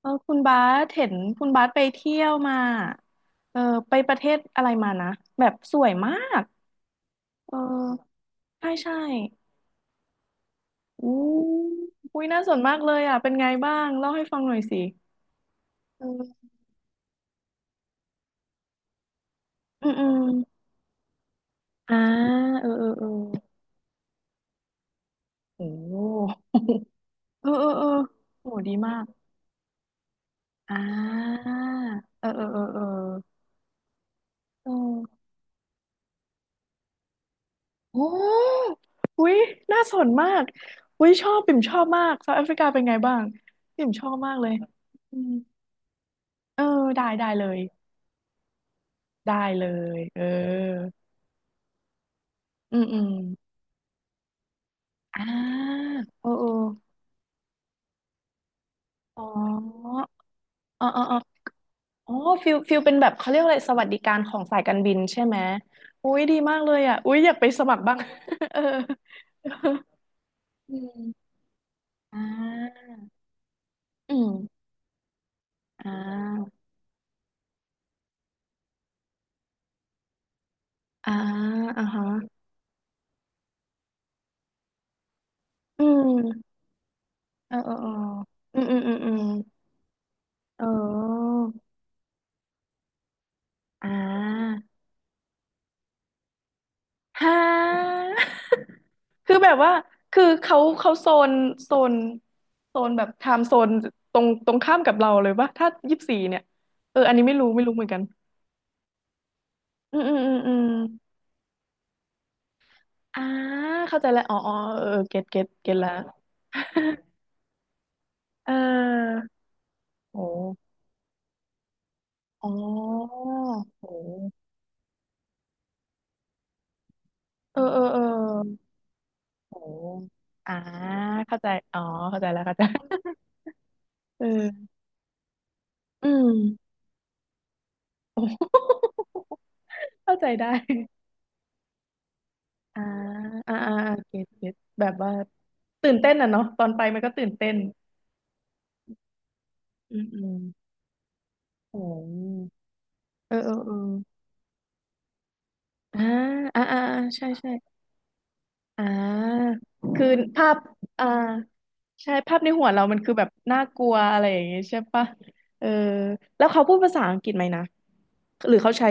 เออคุณบาสเห็นคุณบาสไปเที่ยวมาเออไปประเทศอะไรมานะแบบสวยมากเออใช่ใช่อู้อุ้ยน่าสนมากเลยอ่ะเป็นไงบ้างเล่าให้ฟังหน่อยสิเอออืมอืมอ่าเออเออเออโอ้เออเออเออโหดีมากอ่าเออเออเออเออเออโอ้อุ้ยน่าสนมากอุ้ยชอบปิ่มชอบมากเซาท์แอฟริกาเป็นไงบ้างปิ่มชอบมากเลยอืม เออได้ได้เลยได้เลยเอออืมอืมอ่าโอ้โอออ๋ออ๋ออ๋ออ๋ออ๋อฟิลเป็นแบบเขาเรียกอะไรสวัสดิการของสายการบินใช่ไหมอุ้ยดีมากเลยอ่ะอุ้ยอยากไปสมัครบ้าง เอออืมอ่าอืมอ่าอ่าอ่าฮะอืมเออเออเอออืมอืมอืมอืมเอออ่าฮ่า คือแบบว่าคือเขาโซนโซนโซนแบบไทม์โซนตรงข้ามกับเราเลยว่าถ้ายี่สิบสี่เนี่ยเอออันนี้ไม่รู้เหมือนกันอืมอืมอืมอืมอ่าเข้าใจแล้วอ๋ออ๋อเออเก็ตละ เออโอ้อ๋อโอ้เออเออเออโอ้อ่าเข้าใจอ๋อเข้าใจแล้วเข้าใจ เอออืม เข้าใจได้ อ่าอ่าอ่าเก็ตแบบว่าตื่นเต้นอ่ะเนาะตอนไปมันก็ตื่นเต้นอืมอืมโอ้เออเออเอออ่าอ่าอ่าอ่าใช่ใช่อ่าคือภาพอ่าใช่ภาพในหัวเรามันคือแบบน่ากลัวอะไรอย่างงี้ใช่ปะเออแล้วเขาพูดภาษาอังกฤษไหมนะหรือเขาใช้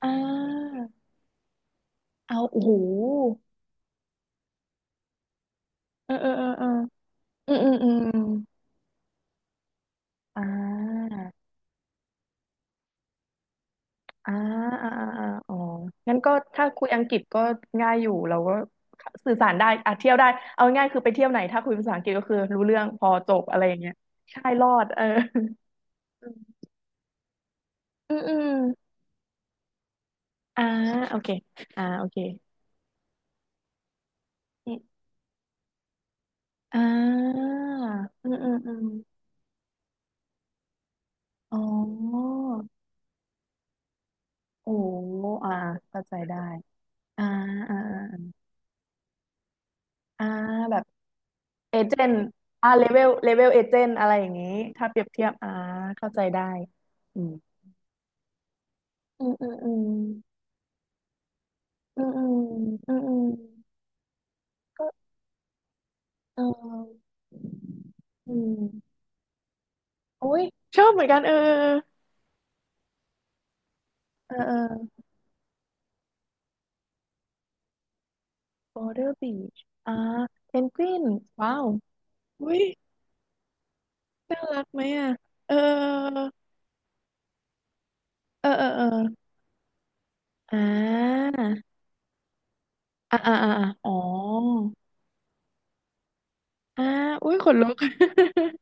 อ่าเอาโอ้โหเออเออเออเอออืมอืมอืมอ่า อ่าอ่าอ่าอาอ๋องั้นก็ถ้าคุยอังกฤษก็ง่ายอยู่เราก็สื่อสารได้อ่ะเที่ยวได้เอาง่ายคือไปเที่ยวไหนถ้าคุยภาษาอังกฤษก็คือรู้เรื่องพอจบอะไรอย่างเงี้ยใช่รอดเอออืมอืมอ่าโอเคอ่าโอเคนี่อ่าอืมอืมอืมอ๋อโอ้อ่าเข้าใจได้อ่าอ่าอ่าอ่าแบบเอเจนต์อ่าเลเวลเอเจนต์อะไรอย่างนี้ถ้าเปรียบเทียบอ่าเข้าใจได้อืม อืมอืมอืมอืมอืมอืมอืมก็เอออืมโอ้ยชอบเหมือนกันเออเออเออ Border Beach อ่าเพนกวินว้าวอุ้ยน่ารักไหมอ่ะเออเออเออเอออ่าอ่าอ่าอ่าอาอ๋ออ่าอุ้ยขนลุก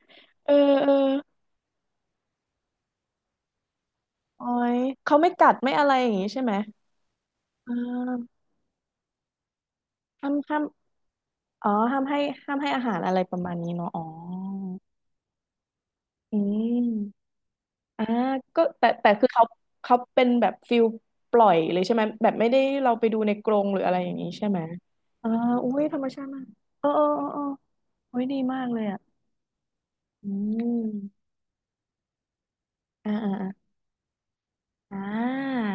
เออเออโอ้ยเขาไม่กัดไม่อะไรอย่างงี้ใช่ไหมอ่าห้ามอ๋อห้ามให้ห้ามให้อาหารอะไรประมาณนี้เนาะอ๋อ อืมอ่าก็แต่คือเขาเขาเป็นแบบฟิลปล่อยเลยใช่ไหม แบบไม่ได้เราไปดูในกรงหรืออะไรอย่างนี้ใช่ไหมอ่าอุ้ยธรรมชาติมากเออเออเออเออโอ้ยดีมากเลยอ่ะอืมอ่าอ่าอ่าอ่า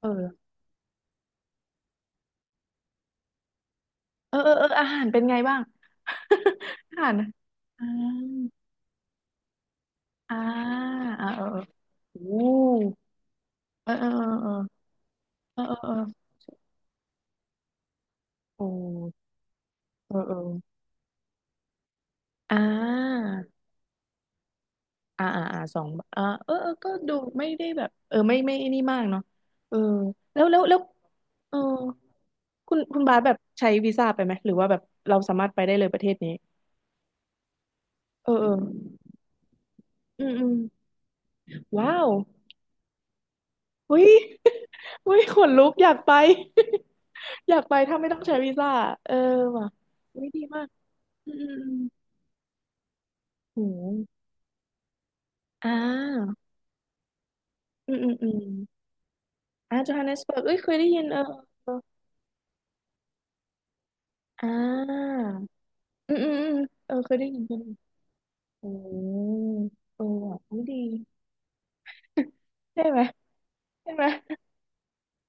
เออเออเออเอออาหารเป็นไงบ้าง อาหารอ่าอ่าอ่าเออเออโอ้เออเออเออเออเออเออเออโอ้เออเอออ่า อ่าอ่าอ่าสองอ่าเออเออก็ดูไม่ได้แบบเออไม่ไม่ไอ้นี่มากเนาะเออแล้วเออคุณคุณบาสแบบใช้วีซ่าไปไหมหรือว่าแบบเราสามารถไปได้เลยประเทศนี้เออเอออืมอืมว้าวเฮ้ย เฮ้ยขนลุกอยากไป อยากไปถ้าไม่ต้องใช้วีซ่าเออว่ะเฮ้ยดีมากอืมอืมอืมโหอ่าอืมอืมอืมอ่าโจฮันเนสเบิร์กเอ้ยเคยได้ยินเออเอออ่าอืมอืมอืมเออเคยได้ยิน อืมเออว่ะอุ๊ยดี ใช่ไหมใช่ไหม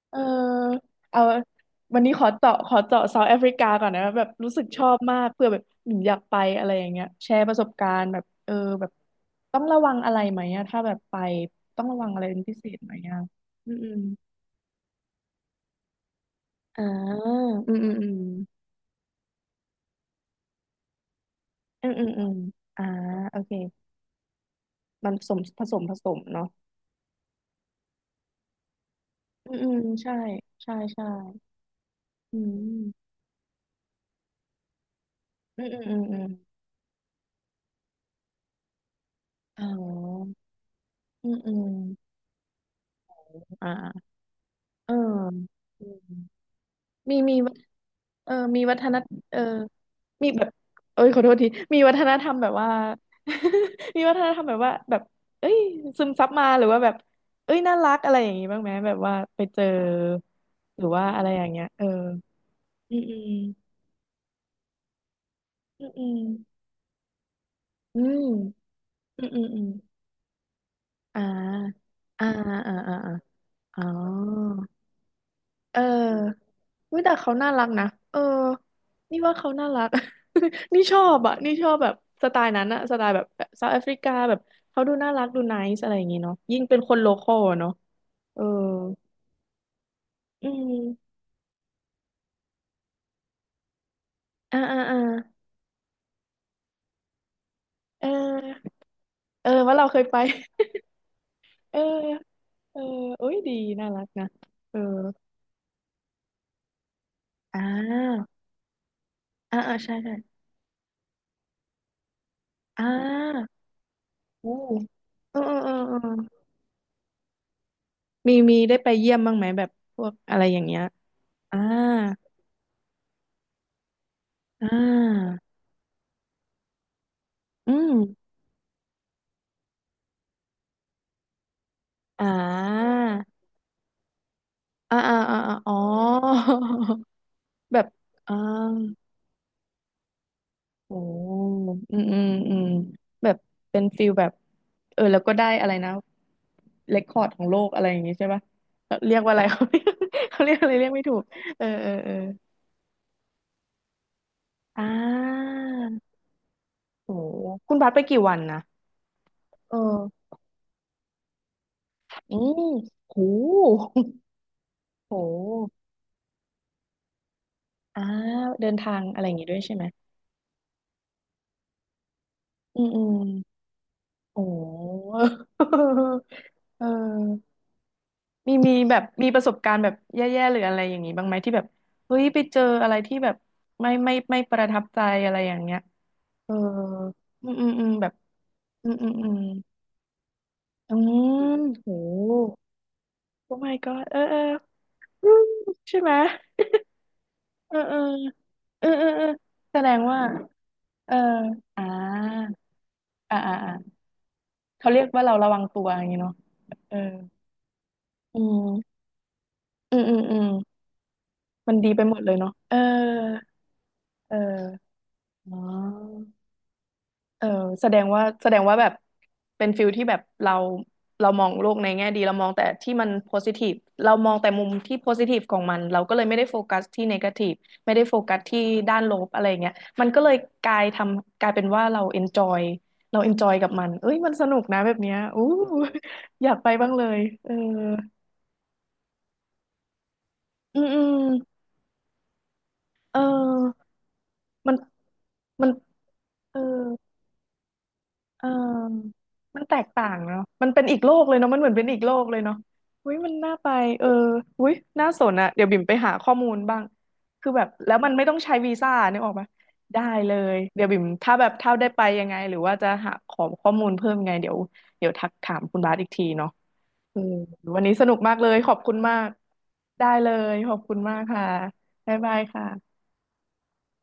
เออเอาวันนี้ขอเจาะเซาท์แอฟริกาก่อนนะแบบรู้สึกชอบมากเพื่อแบบหนูอยากไปอะไรอย่างเงี้ยแชร์ประสบการณ์แบบเออแบบต้องระวังอะไรไหมอะถ้าแบบไปต้องระวังอะไรเป็นพิเศษไหมอะอืมอืมอ่าอืมอืมอืมอืมอืมอืมอ่าโอเคมันผสมเนาะอืมอืมใช่ใช่ใช่อืมอืมอืมอืมอืมอ๋อ อืมอืมอ่าเอออืมมีมีเออมีวัฒนธรรมเออมีแบบเอ้ยขอโทษทีมีวัฒนธรรมแบบว่า มีวัฒนธรรมแบบว่าแบบเอ้ยซึมซับมาหรือว่าแบบเอ้ยน่ารักอะไรอย่างงี้บ้างไหมแบบว่าไปเจอหรือว่าอะไรอย่างเงี้ยเอออืมอืมอืมอืมอืมอืมอืมอืมอ่าอ่าอ่าอ่าอาอ๋อ เออเวิแต่เขาน่ารักนะเออนี่ว่าเขาน่ารัก นี่ชอบอ่ะนี่ชอบแบบสไตล์นั้นอะสไตล์แบบเซาท์แอฟริกาแบบเขาดูน่ารักดูไนซ์อะไรอย่างงี้เนาะยิ่งเป็นคนโลคอลเนาะเอออืมอ่าอ่าอ่าเออเออว่าเราเคยไป เออเออโอ้ยดีน่ารักนะเอออ่าอ่าอ่าใช่ใช่อ่าอู้เออเออเออเออมีมีได้ไปเยี่ยมบ้างไหมแบบพวกอะไรอย่างเงี้ยอ่า อ่าอืมอ่าอ่าอ่าอ่าอ๋อ แบบอ่าโอ้อืมอืมอืมแบบเป็นฟิลแบบเออแล้วก็ได้อะไรนะเรคคอร์ดของโลกอะไรอย่างงี้ใช่ปะเรียกว่าอะไร เขาเรียกอะไรเรียกไม่ถูกเออเออเอออ่าโหคุณบัสไปกี่วันนะเอออืมโหโหอ่าเดินทางอะไรอย่างงี้ด้วยใช่ไหมอืมอืม โอ้ เออมีแบบมีประสบการณ์แบบแย่ๆหรืออะไรอย่างนี้บ้างไหมที่แบบเฮ้ยไปเจออะไรที่แบบไม่ประทับใจอะไรอย่างเงี้ยเอออืมอืมอืมแบบอืมอืมอืมอืมโหโอ้ my god เออเอออืมใช่ไหมเออเออเออเออเออแสดงว่าเอออ่าอ่าอ่าอ่าเขาเรียกว่าเราระวังตัวอย่างนี้เนาะเอออืมอืมอืมอืม มันดีไปหมดเลยเนาะเออเอออ๋อเออแสดงว่าแบบเป็นฟิลที่แบบเรามองโลกในแง่ดีเรามองแต่ที่มันโพซิทีฟเรามองแต่มุมที่โพซิทีฟของมันเราก็เลยไม่ได้โฟกัสที่เนกาทีฟไม่ได้โฟกัสที่ด้านลบอะไรเงี้ยมันก็เลยกลายเป็นว่าเราเอนจอยเราเอนจอยกับมันเอ้ยมันสนุกนะแบบเนี้ยอู้อยากไปบ้างเลยเอออืมอืมเออมันมันเออ เออมันแตกต่างเนาะมันเป็นอีกโลกเลยเนาะมันเหมือนเป็นอีกโลกเลยเนาะอุ้ยมันน่าไปเอออุ้ยน่าสนอะเดี๋ยวบิ่มไปหาข้อมูลบ้างคือแบบแล้วมันไม่ต้องใช้วีซ่านึกออกปะได้เลยเดี๋ยวบิ่มถ้าแบบถ้าได้ไปยังไงหรือว่าจะหาขอข้อมูลเพิ่มยังไงเดี๋ยวทักถามคุณบาสอีกทีเนาะเออวันนี้สนุกมากเลยขอบคุณมากได้เลยขอบคุณมากค่ะบ๊ายบายค่ะ